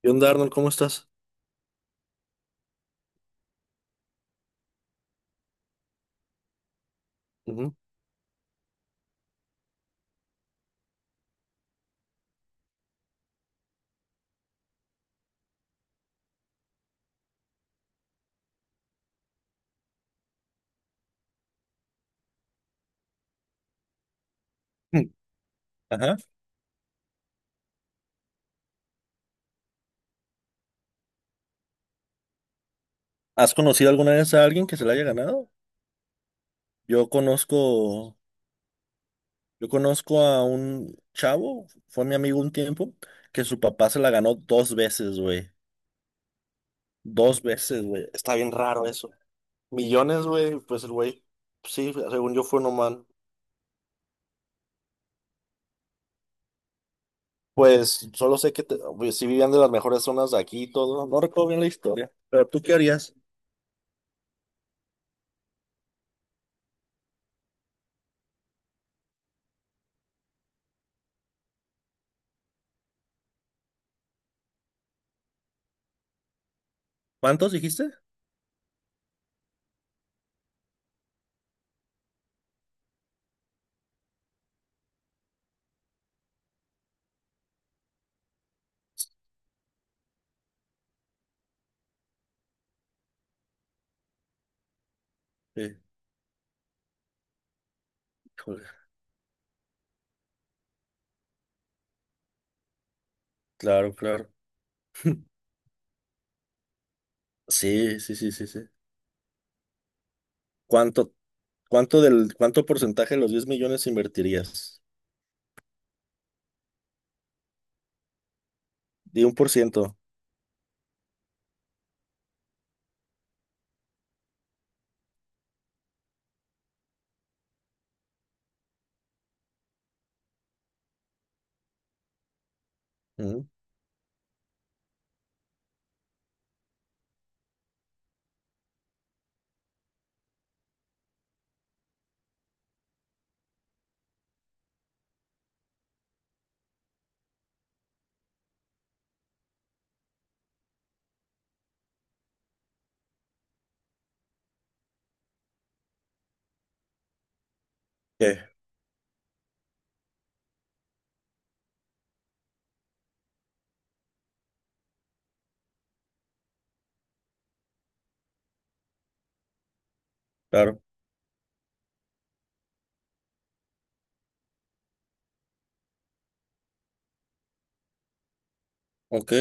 ¿Qué onda, Arnold? ¿Cómo estás? Ujú. Mm. Ajá. ¿Has conocido alguna vez a alguien que se la haya ganado? Yo conozco, yo conozco a un chavo, fue mi amigo un tiempo, que su papá se la ganó dos veces, güey. Dos veces, güey. Está bien raro eso. Millones, güey, pues el güey, sí, según yo fue un humano. Pues solo sé que pues, sí vivían de las mejores zonas de aquí y todo. No recuerdo bien la historia. ¿Pero tú qué harías? ¿Cuántos dijiste? Sí. Híjole. Claro, claro. Sí, sí, sí, sí, sí. ¿Cuánto? ¿Cuánto cuánto porcentaje de los 10 millones invertirías? Di un por ciento. Mm. ¿Qué? Claro. Ok,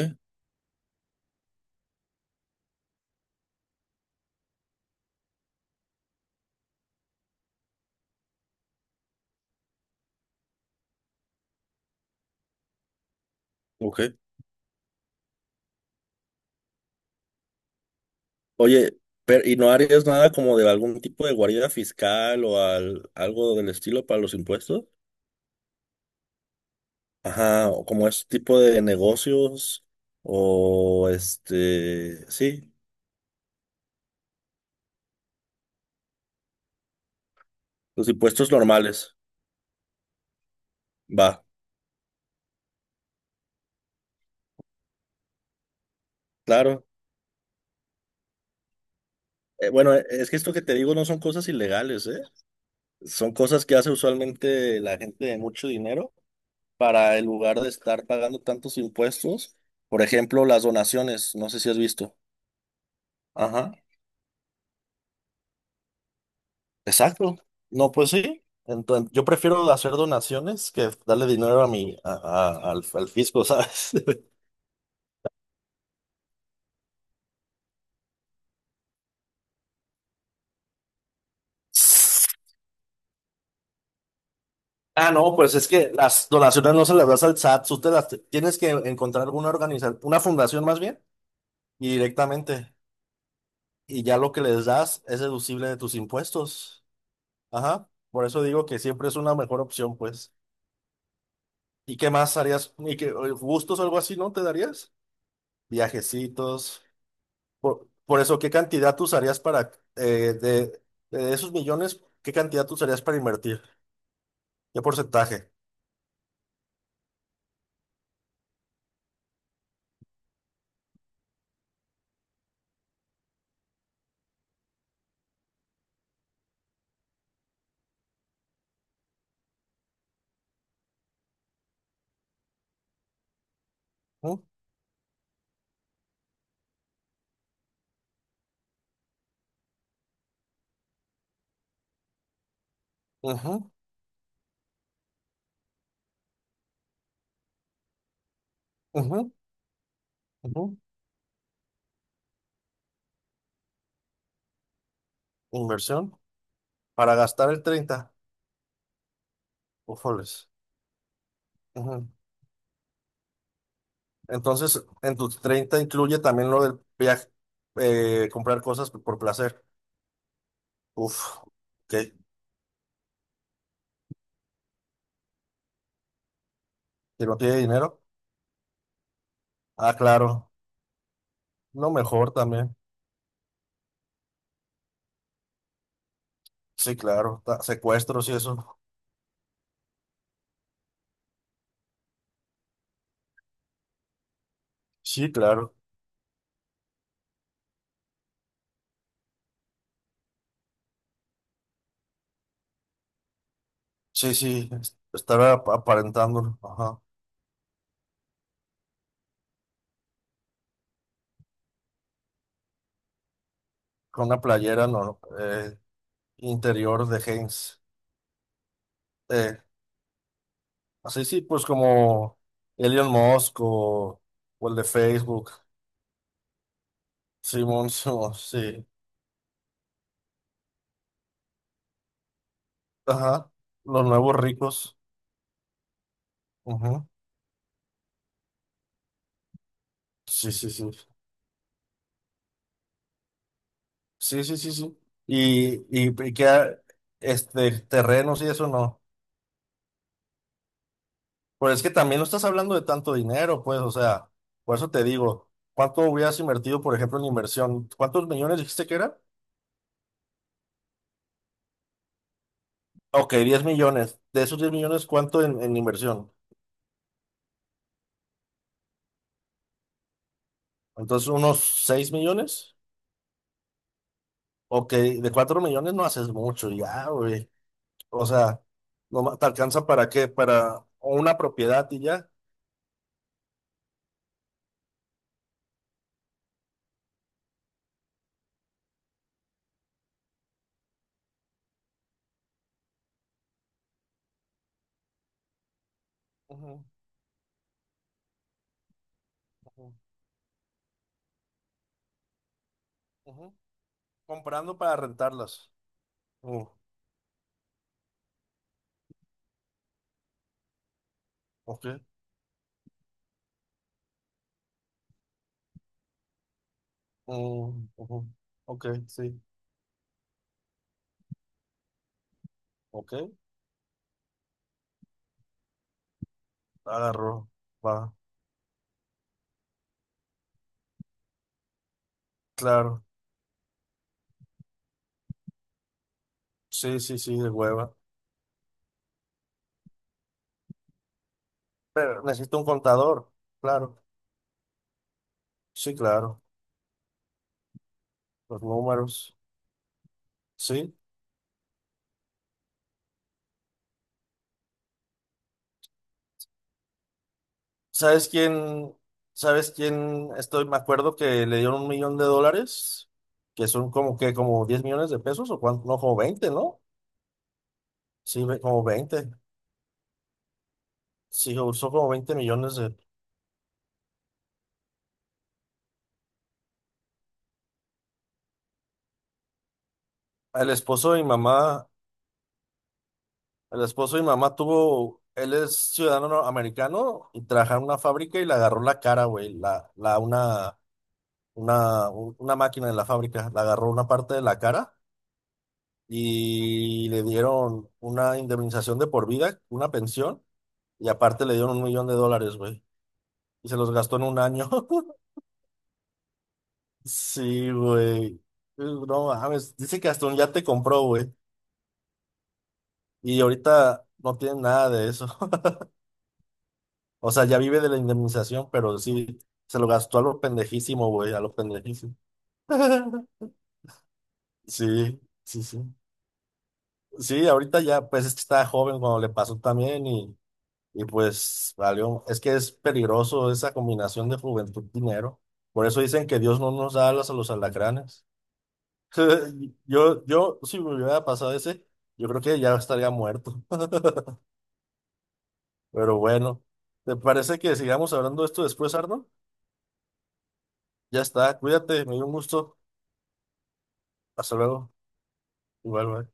ok. Oye, pero ¿y no harías nada como de algún tipo de guarida fiscal o algo del estilo para los impuestos? Ajá, o como ese tipo de negocios o este, sí, los impuestos normales. Va, claro. Bueno, es que esto que te digo no son cosas ilegales, ¿eh? Son cosas que hace usualmente la gente de mucho dinero para, en lugar de estar pagando tantos impuestos, por ejemplo, las donaciones, no sé si has visto. Ajá, exacto. No, pues sí. Entonces, yo prefiero hacer donaciones que darle dinero a mi, a- al, al fisco, ¿sabes? Ah, no, pues es que las donaciones no se las das al SAT, tú te las tienes que encontrar una organización, una fundación más bien, y directamente, y ya lo que les das es deducible de tus impuestos. Ajá, por eso digo que siempre es una mejor opción, pues. ¿Y qué más harías? ¿Y qué gustos o algo así, no te darías? Viajecitos. Por eso, ¿qué cantidad tú usarías para, eh, de, de esos millones, qué cantidad tú usarías para invertir? ¿Qué porcentaje? Ujú, ujú, ujú, ujú. Inversión para gastar el treinta. Ujoles. Ujú. Entonces, en tus 30 incluye también lo del viaje, comprar cosas por placer. Uf, ok. ¿Que no tiene dinero? Ah, claro. No, mejor también. Sí, claro. Secuestros y eso. Sí, claro. Sí, sí. Estar aparentando. Ajá. Con una playera no, interior de Heinz. Eh, así sí, pues como Elon Musk o el de Facebook. Simón, Simón, sí. Ajá. Los nuevos ricos. Ujú. Sí, sí, sí. Sí, sí, sí, sí, sí. Y que este terrenos y eso no. Pero es que también no estás hablando de tanto dinero, pues, o sea, por eso te digo, ¿cuánto hubieras invertido, por ejemplo, en inversión? ¿Cuántos millones dijiste que era? Ok, 10 millones. De esos 10 millones, ¿cuánto en inversión? Entonces, unos 6 millones. Ok, de 4 millones no haces mucho, ya, güey. O sea, no ma- te alcanza para qué, para una propiedad y ya. Ujú, ujú, ujú. Comprando para rentarlas. Uh, ok. Mm, ujú. Ok, sí. Ok. Agarró. Va. Claro. Sí, sí, sí, de hueva. Pero necesito un contador. Claro. Sí, claro. Los números. Sí. ¿Sabes quién? ¿Sabes quién? Estoy, me acuerdo que le dieron $1 millón, que son como que como 10 millones de pesos o cuánto, no, como 20, ¿no? Sí, como 20. Sí, usó como 20 millones de... El esposo de mi mamá, el esposo de mi mamá tuvo, él es ciudadano americano y trabajaba en una fábrica y le agarró la cara, güey, una, una máquina de la fábrica, le agarró una parte de la cara y le dieron una indemnización de por vida, una pensión. Y aparte le dieron $1 millón, güey. Y se los gastó en un año. Sí, güey. No mames. Dice que hasta un yate compró, güey. Y ahorita no tiene nada de eso. O sea, ya vive de la indemnización, pero sí, se lo gastó a lo pendejísimo, güey, a lo pendejísimo. Sí, sí, sí. Sí, ahorita ya, pues es que estaba joven cuando le pasó también y pues valió. Es que es peligroso esa combinación de juventud y dinero. Por eso dicen que Dios no nos da alas a los alacranes. Si me hubiera pasado ese, yo creo que ya estaría muerto. Pero bueno, ¿te parece que sigamos hablando de esto después, Arno? Ya está, cuídate, me dio un gusto. Hasta luego. Igual, bye.